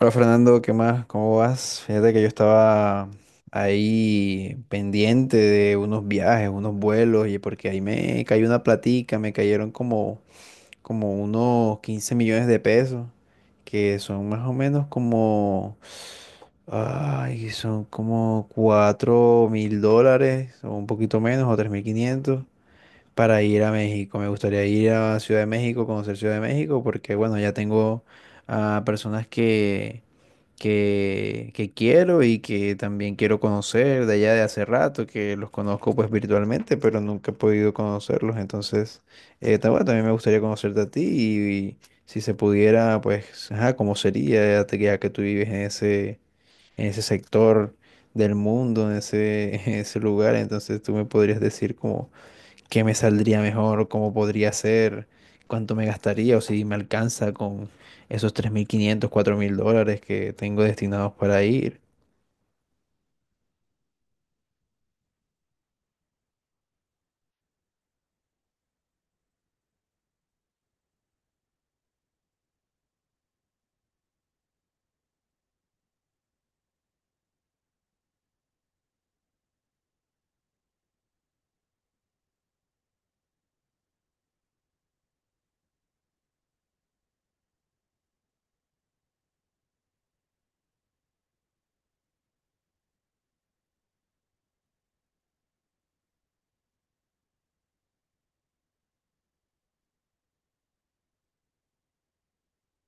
Hola Fernando, ¿qué más? ¿Cómo vas? Fíjate que yo estaba ahí pendiente de unos viajes, unos vuelos, y porque ahí me cayó una platica, me cayeron como unos 15 millones de pesos, que son más o menos como, ay, son como 4.000 dólares, o un poquito menos, o 3.500 para ir a México. Me gustaría ir a Ciudad de México, conocer Ciudad de México, porque bueno, ya tengo a personas que quiero y que también quiero conocer de allá de hace rato, que los conozco pues virtualmente, pero nunca he podido conocerlos. Entonces, bueno, también me gustaría conocerte a ti y si se pudiera, pues, ajá, cómo sería ya, ya que tú vives en ese sector del mundo, en ese, en ese lugar. Entonces, tú me podrías decir como qué me saldría mejor, cómo podría ser, cuánto me gastaría o si me alcanza con esos 3.500 4.000 dólares que tengo destinados para ir.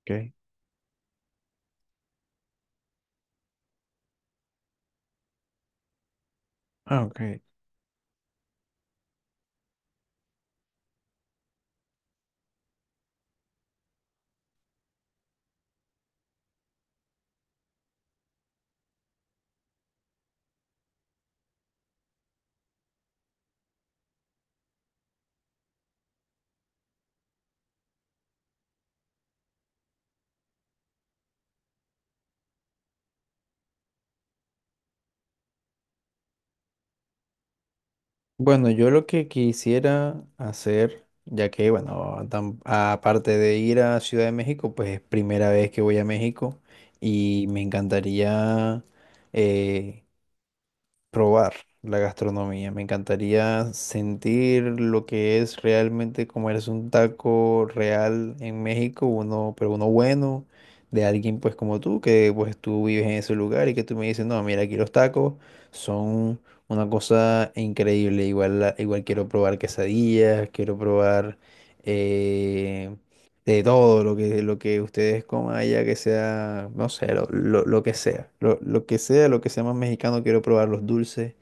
Okay. Ah, ok. Bueno, yo lo que quisiera hacer, ya que, bueno, aparte de ir a Ciudad de México, pues es primera vez que voy a México y me encantaría eh, probar la gastronomía. Me encantaría sentir lo que es realmente comerse un taco real en México, uno, pero uno bueno, de alguien pues como tú, que pues tú vives en ese lugar y que tú me dices, no, mira, aquí los tacos son una cosa increíble. Igual, igual quiero probar quesadillas, quiero probar eh, de todo lo que ustedes coman allá, que sea, no sé, lo que sea, lo que sea, lo que sea más mexicano, quiero probar los dulces.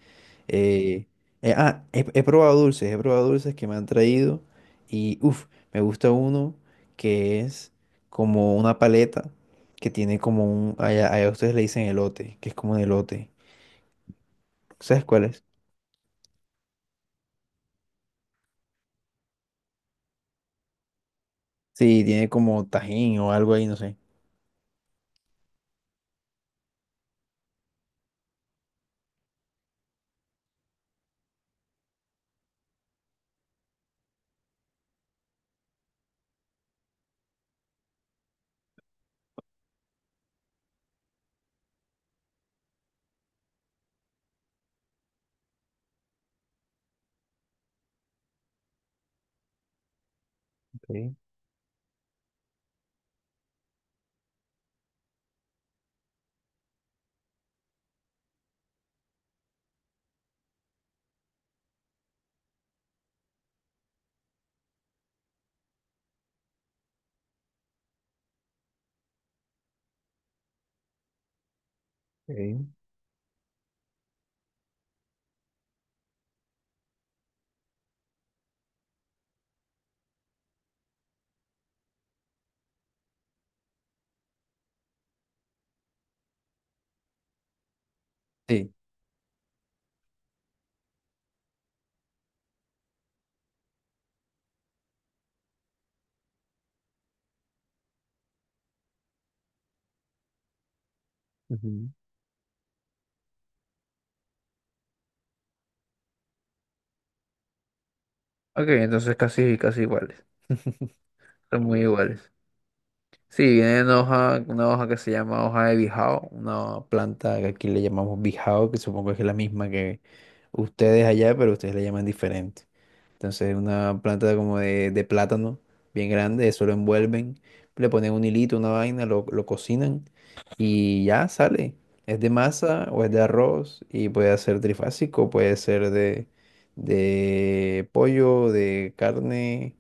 eh, he probado dulces, he probado dulces que me han traído y, uff, me gusta uno que es como una paleta que tiene como un, allá ustedes le dicen elote, que es como un elote. ¿Sabes cuál es? Sí, tiene como tajín o algo ahí, no sé. Ok, ok. Sí. Ujú. Ok, entonces casi, casi iguales. Son muy iguales. Sí, viene una hoja que se llama hoja de bijao, una planta que aquí le llamamos bijao, que supongo que es la misma que ustedes allá, pero ustedes le llaman diferente. Entonces, una planta como de plátano, bien grande, eso lo envuelven, le ponen un hilito, una vaina, lo cocinan y ya sale. Es de masa o es de arroz y puede ser trifásico, puede ser de pollo, de carne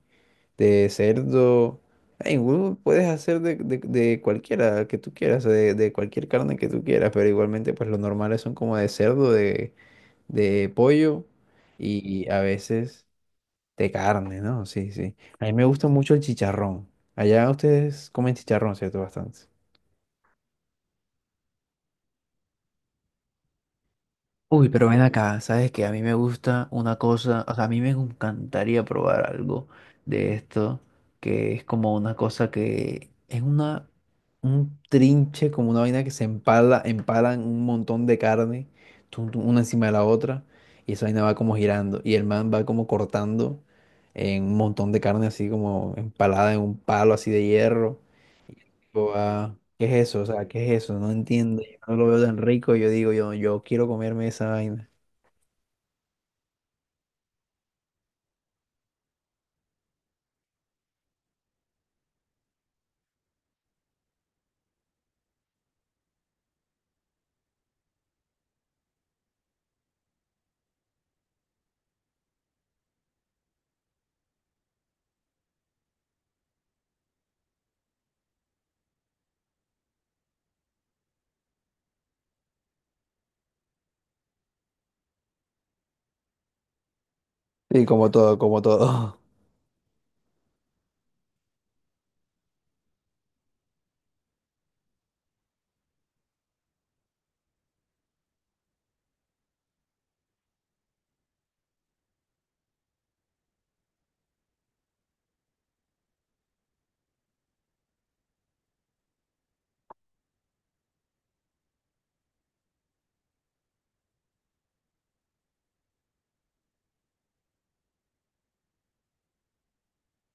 de cerdo. Ay, igual puedes hacer de cualquiera que tú quieras, o de cualquier carne que tú quieras, pero igualmente pues los normales son como de cerdo, de pollo y a veces de carne, ¿no? Sí, sí. A mí me gusta mucho el chicharrón. Allá ustedes comen chicharrón, ¿cierto? Bastante. Uy, pero ven acá, sabes que a mí me gusta una cosa, o sea, a mí me encantaría probar algo de esto, que es como una cosa que es un trinche, como una vaina que se empala, empalan un montón de carne, tum, tum, una encima de la otra, y esa vaina va como girando, y el man va como cortando en un montón de carne así como empalada en un palo así de hierro. Tipo, ah, ¿qué es eso? O sea, ¿qué es eso? No entiendo, yo no lo veo tan rico, yo digo, yo quiero comerme esa vaina. Y como todo, como todo.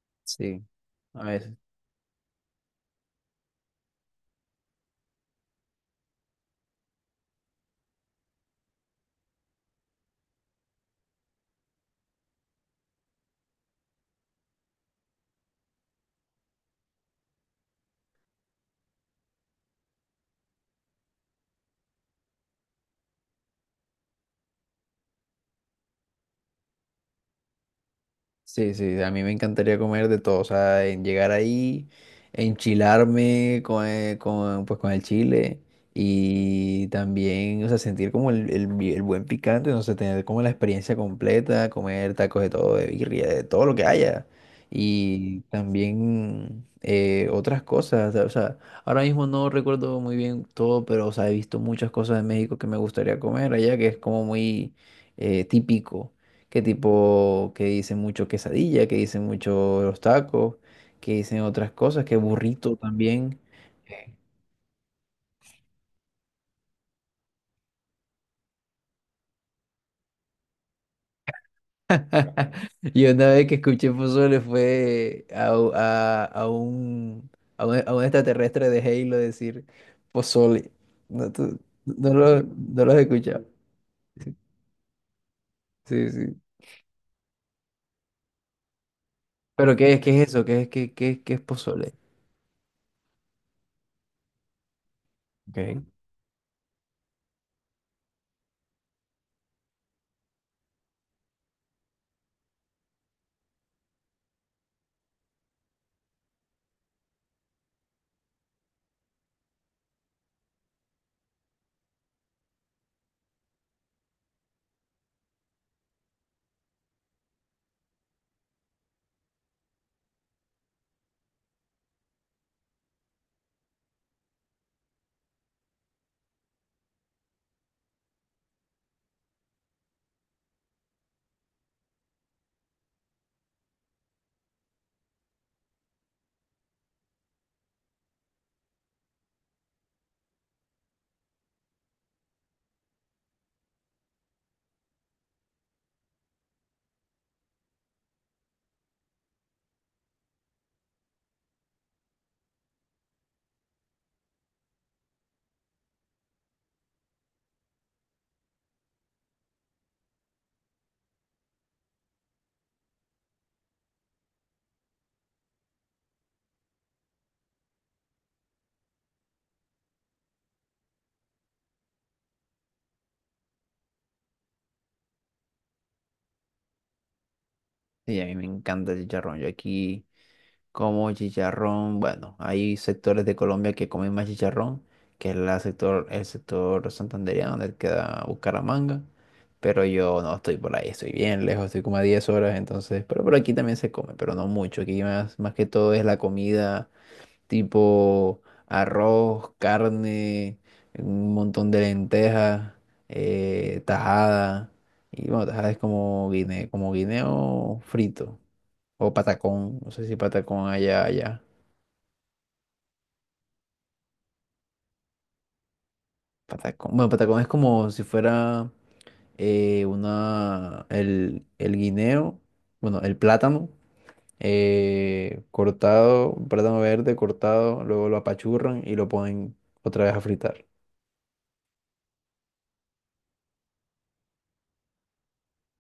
Sí, a ver, sí, sí, a mí me encantaría comer de todo, o sea, en llegar ahí, enchilarme con, pues, con el chile y también, o sea, sentir como el, el buen picante, no sé, tener como la experiencia completa, comer tacos de todo, de birria, de todo lo que haya y también otras cosas, o sea, ahora mismo no recuerdo muy bien todo, pero, o sea, he visto muchas cosas de México que me gustaría comer allá, que es como muy típico, que tipo, que dicen mucho quesadilla, que dicen mucho los tacos, que dicen otras cosas, que burrito también. Eh, Y una vez que escuché pozole fue a, u- a un, a un, a un extraterrestre de Halo decir pozole. No, no lo has escuchado. Sí, sí, sí. ¿Pero qué es eso? ¿Qué es, qué es pozole? Okay. Sí, a mí me encanta el chicharrón. Yo aquí. Como chicharrón, bueno, hay sectores de Colombia que comen más chicharrón, que es la sector, el sector santandereano donde queda Bucaramanga, pero yo no estoy por ahí, estoy bien lejos, estoy como a 10 horas, entonces, pero por aquí también se come, pero no mucho, aquí más, más que todo es la comida tipo arroz, carne, un montón de lentejas, tajada, y bueno, tajada es como guine, como guineo frito, o patacón, no sé si patacón allá, allá. Patacón. Bueno, patacón es como si fuera el guineo, bueno, el plátano, cortado, un plátano verde cortado, luego lo apachurran y lo ponen otra vez a fritar.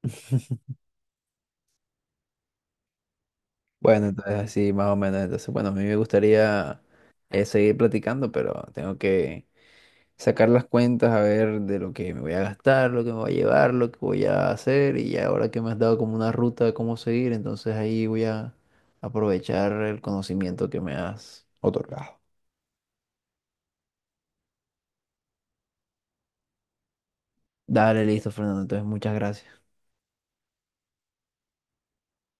Bueno, entonces así más o menos. Entonces, bueno, a mí me gustaría seguir platicando, pero tengo que... sacar las cuentas a ver de lo que me voy a gastar, lo que me voy a llevar, lo que voy a hacer y ya ahora que me has dado como una ruta de cómo seguir, entonces ahí voy a aprovechar el conocimiento que me has otorgado. Dale, listo, Fernando. Entonces, muchas gracias.